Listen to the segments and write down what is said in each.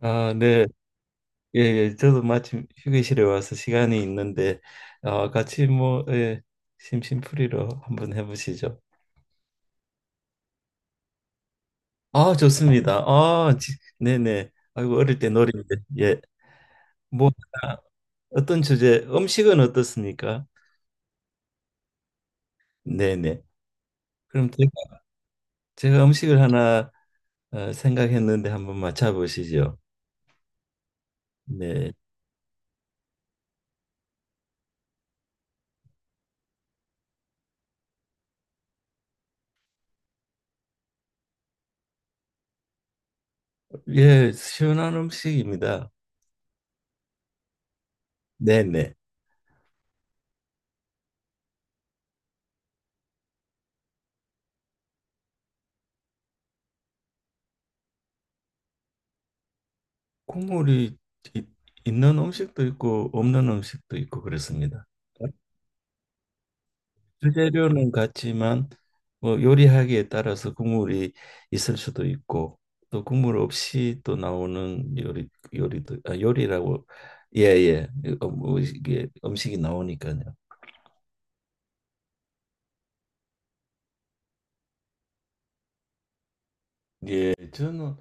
아, 네. 예, 예. 저도 마침 휴게실에 와서 시간이 있는데 같이 뭐 예, 심심풀이로 한번 해보시죠. 아, 좋습니다. 네네. 아이고 어릴 때 놀이인데 예. 뭐 하나, 어떤 주제 음식은 어떻습니까? 네네. 그럼 제가 음식을 하나 생각했는데 한번 맞춰보시죠. 네. 예, 시원한 음식입니다. 네네. 국물이 이- 있는 음식도 있고 없는 음식도 있고 그렇습니다. 주재료는 같지만 뭐 요리하기에 따라서 국물이 있을 수도 있고 또 국물 없이 또 나오는 요리도 아, 요리라고 예예 뭐 이게 음식이 나오니까요. 예, 저는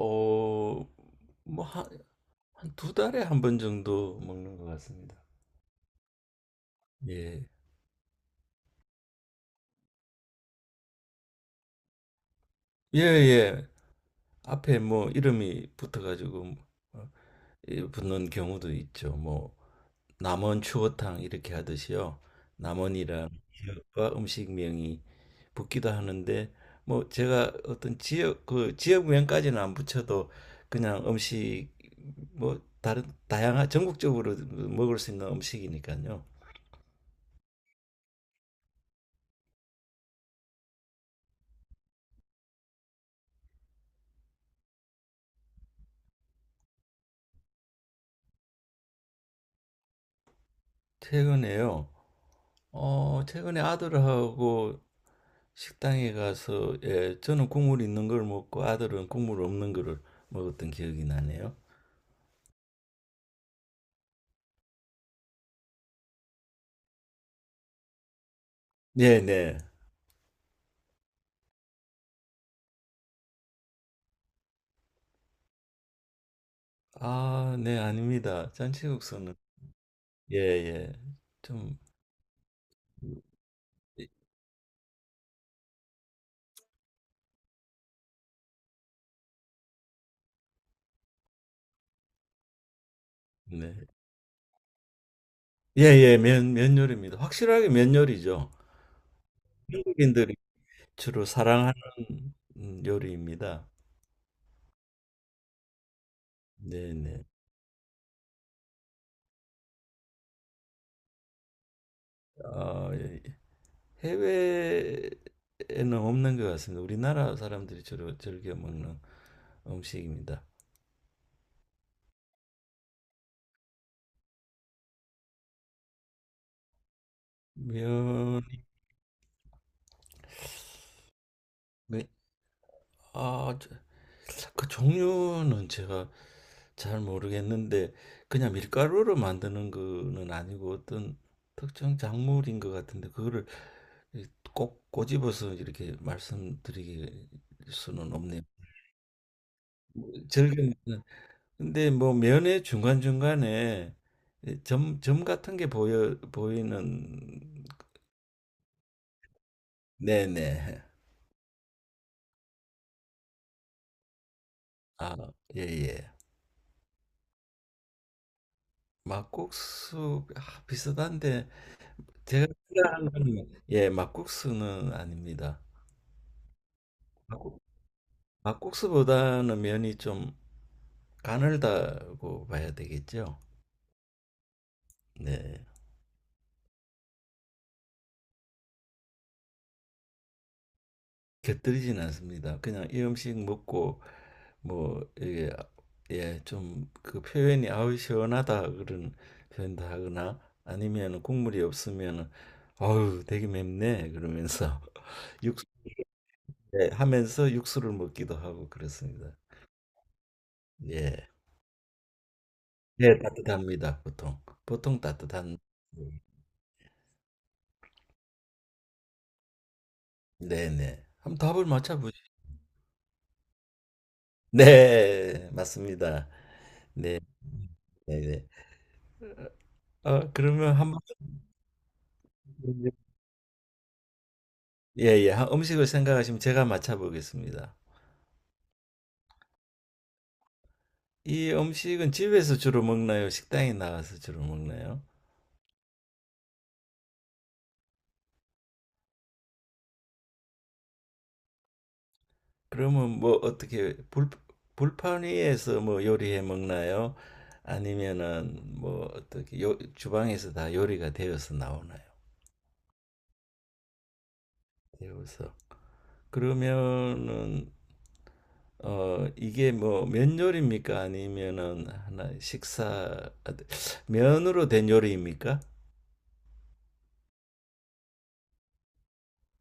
어 뭐 한 한 두 달에 한 번 정도 먹는 것 같습니다. 예. 예, 예. 앞에 뭐 이름이 붙어가지고 어, 예, 붙는 경우도 있죠. 뭐 남원 추어탕 이렇게 하듯이요. 남원이랑 지역과 음식명이 붙기도 하는데 뭐 제가 어떤 지역 그 지역명까지는 안 붙여도 그냥 음식 뭐 다른 다양한 전국적으로 먹을 수 있는 음식이니까요. 최근에요. 최근에 아들하고 식당에 가서 예, 저는 국물 있는 걸 먹고 아들은 국물 없는 거를 먹었던 기억이 나네요. 네, 네. 아, 네, 아닙니다. 잔치국수는 예, 예. 좀 네. 예, 예. 면 면요리입니다. 확실하게 면요리죠. 한국인들이 주로 사랑하는 요리입니다. 네, 네. 아 예, 예. 해외에는 없는 것 같습니다. 우리나라 사람들이 주로 즐겨 먹는 음식입니다. 면, 면 아, 저- 그 종류는 제가 잘 모르겠는데 그냥 밀가루로 만드는 거는 아니고 어떤 특정 작물인 것 같은데 그거를 이꼭 꼬집어서 이렇게 말씀드릴 수는 없네요. 절개는 근데 뭐 면의 중간중간에 점 같은 게 보여 보이는 네네. 아, 예, 예. 막국수 아, 비슷한데 제가 생각하는 예, 막국수는 아닙니다. 막국- 막국수보다는 면이 좀 가늘다고 봐야 되겠죠. 네. 곁들이진 않습니다. 그냥 이 음식 먹고 뭐 이게 예, 좀 그 표현이 아우 시원하다 그런 표현도 하거나 아니면 국물이 없으면아 되게 맵네 그러면서 육수 예, 하면서 육수를 먹기도 하고 그렇습니다. 예. 네, 따뜻합니다. 보통. 보통 따뜻한 음. 네네. 한번 답을 맞춰 보시. 네, 맞습니다. 네, 네, 네. 그러면 한번 예, 예. 한 음식을 생각하시면 제가 맞춰 보겠습니다. 이 음식은 집에서 주로 먹나요? 식당에 나가서 주로 먹나요? 그러면 뭐 어떻게 불 불판 위에서 뭐 요리해 먹나요? 아니면은 뭐 어떻게 요 주방에서 다 요리가 되어서 나오나요? 되어서. 그러면은 이게 뭐 면 요리입니까? 아니면은 면으로 된 요리입니까?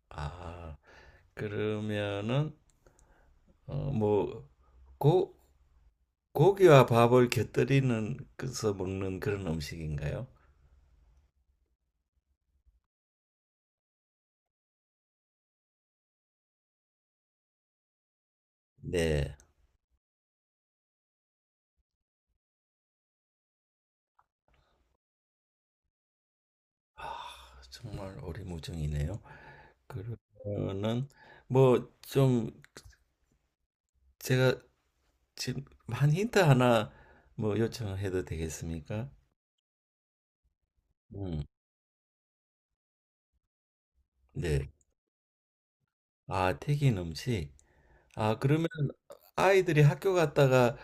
아, 그러면은 뭐 고, 고기와 밥을 곁들이는 그래서 먹는 그런 음식인가요? 네. 아, 정말 오리무중이네요. 그러면은 뭐 좀 제가 지금 한 힌트 하나 뭐 요청해도 되겠습니까? 음, 네. 아, 튀긴 음식. 아, 그러면 아이들이 학교 갔다가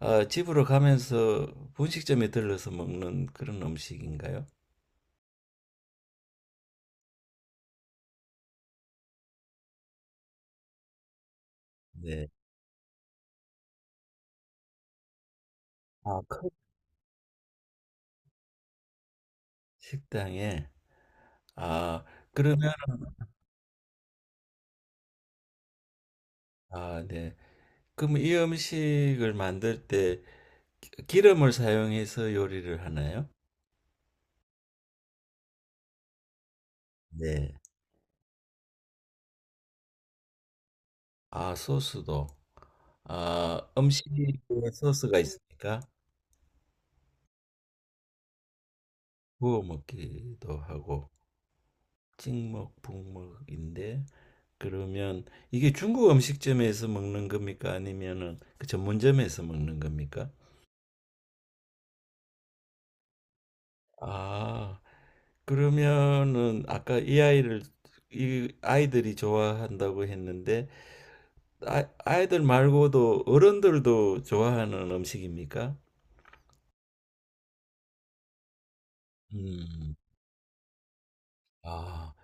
집으로 가면서 분식점에 들러서 먹는 그런 음식인가요? 네. 아, 큰 식당에. 아, 그러면, 아, 네. 그럼 이 음식을 만들 때 기름을 사용해서 요리를 하나요? 네. 아, 소스도. 아, 음식에 소스가 있으니까 구워 먹기도 하고, 찍먹, 북먹인데, 그러면 이게 중국 음식점에서 먹는 겁니까? 아니면은 그 전문점에서 먹는 겁니까? 아, 그러면은 아까 이 아이들이 좋아한다고 했는데 아, 아이들 말고도 어른들도 좋아하는 음식입니까? 음, 아,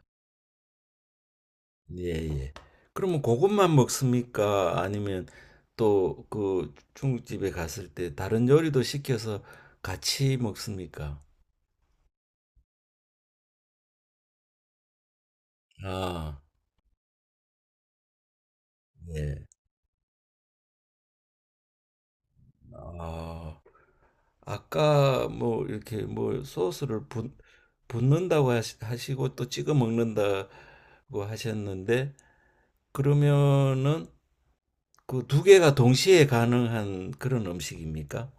예, 예. 그러면 그것만 먹습니까? 아니면 또 그 중국집에 갔을 때 다른 요리도 시켜서 같이 먹습니까? 아. 네. 아, 아까 뭐 이렇게 뭐 소스를 붓는다고 하시고 또 찍어 먹는다고 하셨는데 그러면은 그 두 개가 동시에 가능한 그런 음식입니까?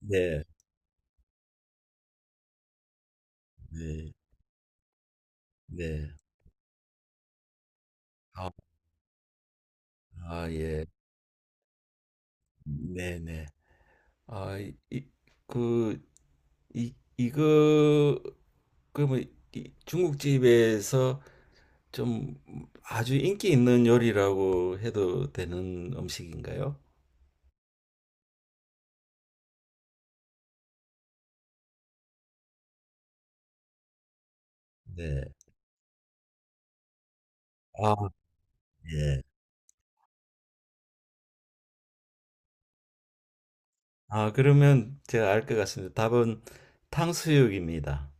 네, 네, 네. 아, 아, 예. 네, 네. 아, 그, 이, 이거, 그러면 이 중국집에서 좀 아주 인기 있는 요리라고 해도 되는 음식인가요? 네. 아, 예. 아, 그러면 제가 알 것 같습니다. 답은 탕수육입니다.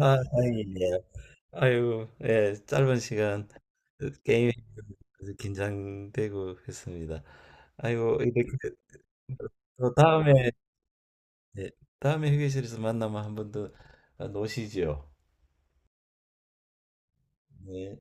아, 다행이네요. 아이고, 예, 짧은 시간 게임이 아주 긴장되고 했습니다. 아이고, 이렇게 또 다음에, 예, 다음에 휴게실에서 만나면 한 번 더 노시죠 네.